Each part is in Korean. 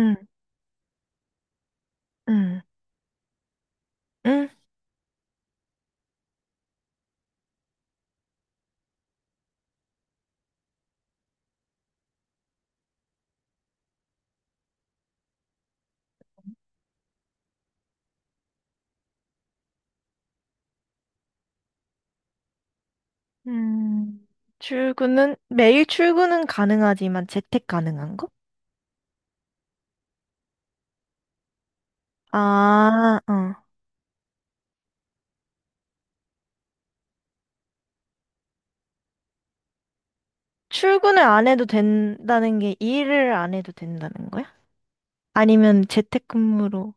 응, 응, 응. 음, 출근은, 매일 출근은 가능하지만 재택 가능한 거? 아, 어. 출근을 안 해도 된다는 게 일을 안 해도 된다는 거야? 아니면 재택근무로,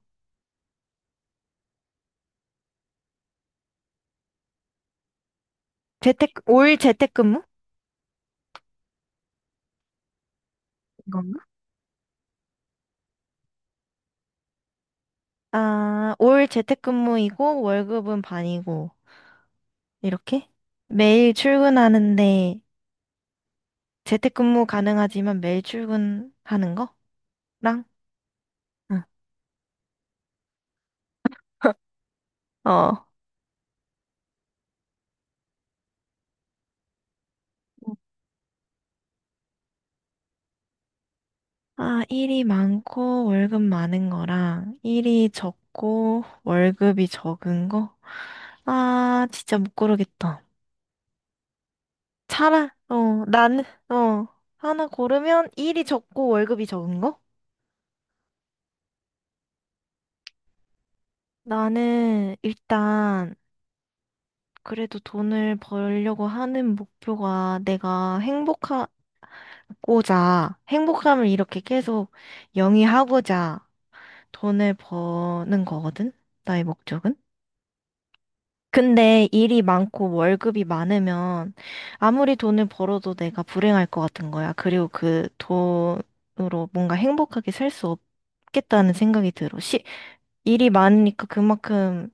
재택, 올 재택근무? 이건가? 아, 올 재택근무이고 월급은 반이고, 이렇게? 매일 출근하는데 재택근무 가능하지만 매일 출근하는 거?랑? 응. 어. 아, 일이 많고 월급 많은 거랑 일이 적고 월급이 적은 거? 아, 진짜 못 고르겠다. 나는, 어, 하나 고르면 일이 적고 월급이 적은 거? 나는 일단 그래도 돈을 벌려고 하는 목표가 내가 행복하고자, 행복함을 이렇게 계속 영위하고자 돈을 버는 거거든? 나의 목적은? 근데 일이 많고 월급이 많으면 아무리 돈을 벌어도 내가 불행할 것 같은 거야. 그리고 그 돈으로 뭔가 행복하게 살 수 없겠다는 생각이 들어. 일이 많으니까 그만큼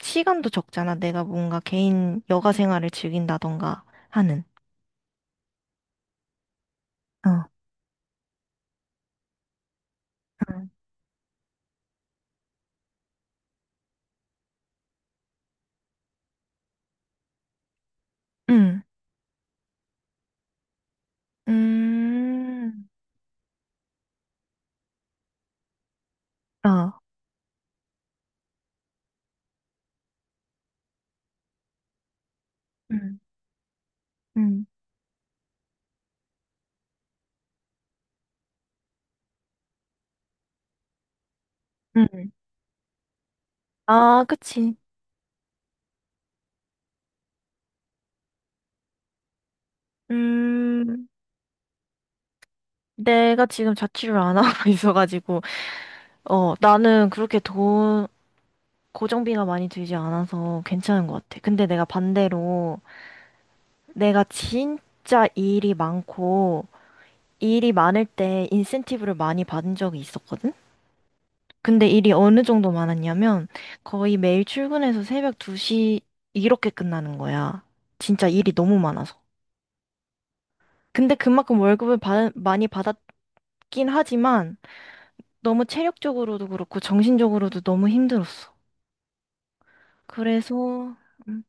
시간도 적잖아. 내가 뭔가 개인 여가 생활을 즐긴다던가 하는. 어. 응. 응. 음, 어. 응. 응. 응. 아, 그치. 음, 내가 지금 자취를 안 하고 있어가지고. 어, 나는 그렇게 돈, 고정비가 많이 들지 않아서 괜찮은 것 같아. 근데 내가 반대로 내가 진짜 일이 많고 일이 많을 때 인센티브를 많이 받은 적이 있었거든? 근데 일이 어느 정도 많았냐면 거의 매일 출근해서 새벽 2시 이렇게 끝나는 거야. 진짜 일이 너무 많아서. 근데 그만큼 월급을 많이 받았긴 하지만 너무 체력적으로도 그렇고 정신적으로도 너무 힘들었어. 그래서, 음,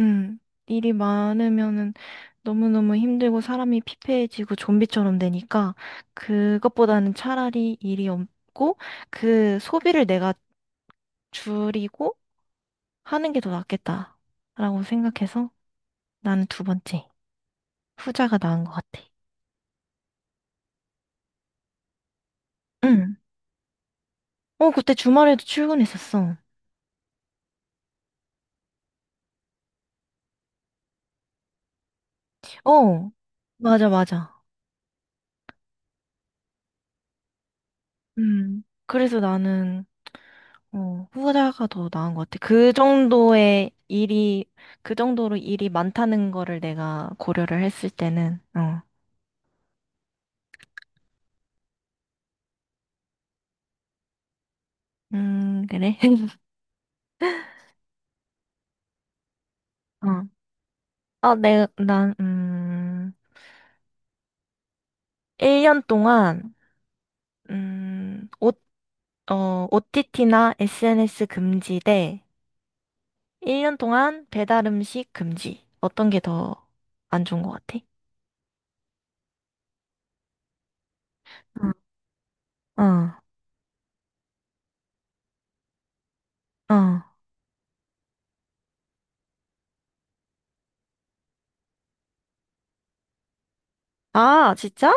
음, 일이 많으면은 너무너무 힘들고 사람이 피폐해지고 좀비처럼 되니까 그것보다는 차라리 일이 없고 그 소비를 내가 줄이고 하는 게 더 낫겠다라고 생각해서 나는 두 번째 후자가 나은 것 같아. 응. 어, 그때 주말에도 출근했었어. 어, 맞아, 맞아. 음. 그래서 나는 어, 후자가 더 나은 것 같아. 그 정도의 일이, 그 정도로 일이 많다는 거를 내가 고려를 했을 때는, 어. 그래? 어. 아, 난, 1년 동안, 음, 옷, OTT나 SNS 금지 대 1년 동안 배달 음식 금지. 어떤 게 더 안 좋은 것 같아? 어, 어. 어. 아, 진짜?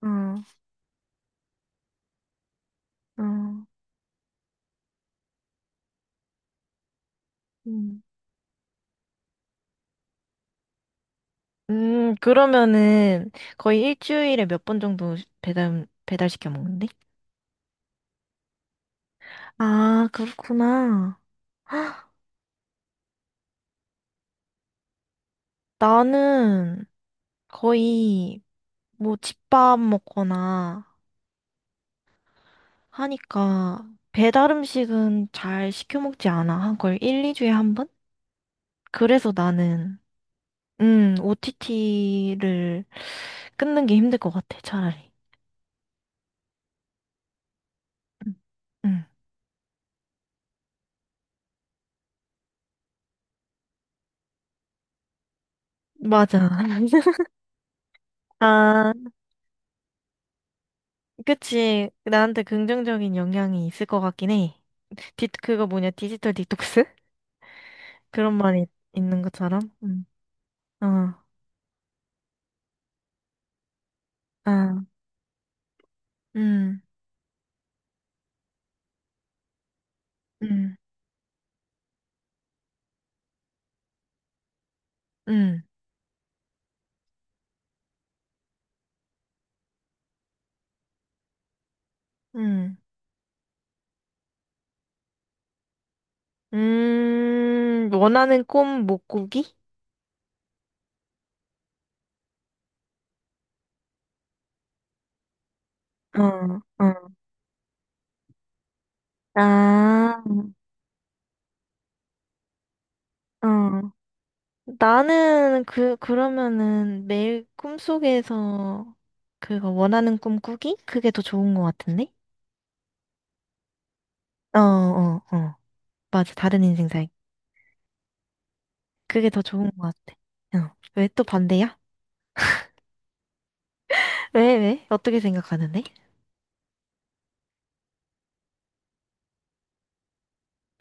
어, 어. 음. 그러면은 거의 일주일에 몇 번 정도 배달시켜 먹는데? 아, 그렇구나. 헉, 나는 거의 뭐 집밥 먹거나 하니까 배달 음식은 잘 시켜 먹지 않아. 한 걸 1, 2주에 한 번? 그래서 나는, OTT를 끊는 게 힘들 것 같아, 차라리. 응, 맞아. 아, 그치. 나한테 긍정적인 영향이 있을 것 같긴 해. 그거 뭐냐, 디지털 디톡스? 그런 말이 있는 것처럼? 응. 어, 아, 음, 음, 음, 음. 원하는 꿈 못 꾸기? 어, 어. 아, 어. 나는 그러면은 매일 꿈속에서 그거 원하는 꿈 꾸기? 그게 더 좋은 것 같은데? 어, 어, 어. 맞아. 다른 인생 살기. 그게 더 좋은 것 같아. 어. 왜 또 반대야? 왜, 왜? 어떻게 생각하는데?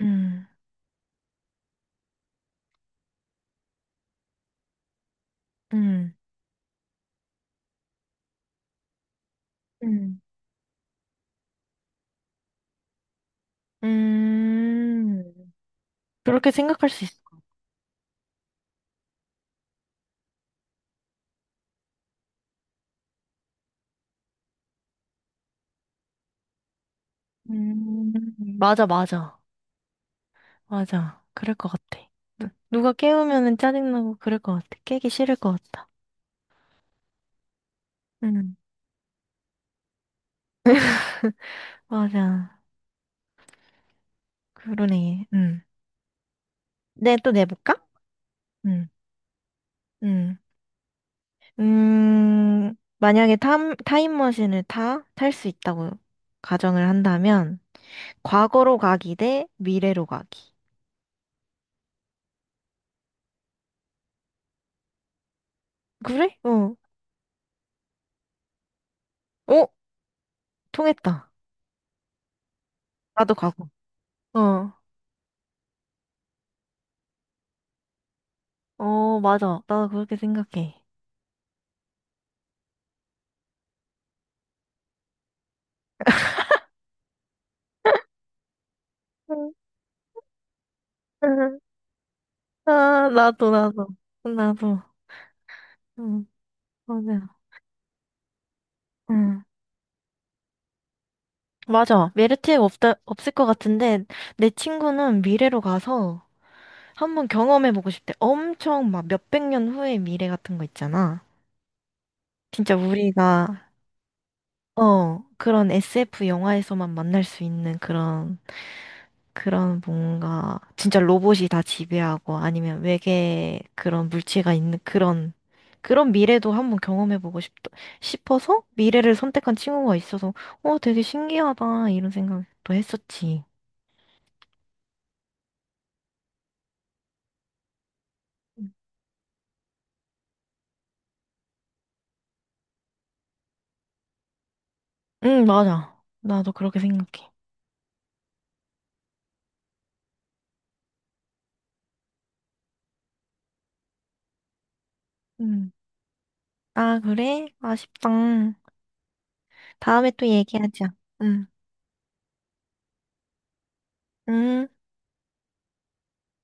음, 음, 음, 음. 그렇게 생각할 수 있어. 음, 맞아, 맞아. 맞아. 그럴 것 같아. 누가 깨우면은 짜증나고 그럴 것 같아. 깨기 싫을 것 같다. 음, 맞아. 그러네. 음. 네, 또 내볼까? 음, 음. 만약에 타임머신을 탈 수 있다고 가정을 한다면, 과거로 가기 대 미래로 가기. 그래? 어. 어, 통했다. 나도 과거. 어. 어, 맞아. 나도 그렇게 생각해. 응. 응. 아, 나도, 나도. 나도. 응, 맞아. 응 맞아. 메리트가 없다, 없을 것 같은데, 내 친구는 미래로 가서 한번 경험해보고 싶대. 엄청 막 몇백 년 후의 미래 같은 거 있잖아. 진짜 우리가, 어, 그런 SF 영화에서만 만날 수 있는 그런 그런 뭔가 진짜 로봇이 다 지배하고 아니면 외계 그런 물체가 있는 그런 그런 미래도 한번 경험해보고 싶어서 미래를 선택한 친구가 있어서 어 되게 신기하다 이런 생각도 했었지. 응 응, 맞아. 나도 그렇게 생각해. 응. 아 그래? 아쉽다. 다음에 또 얘기하자. 응. 응.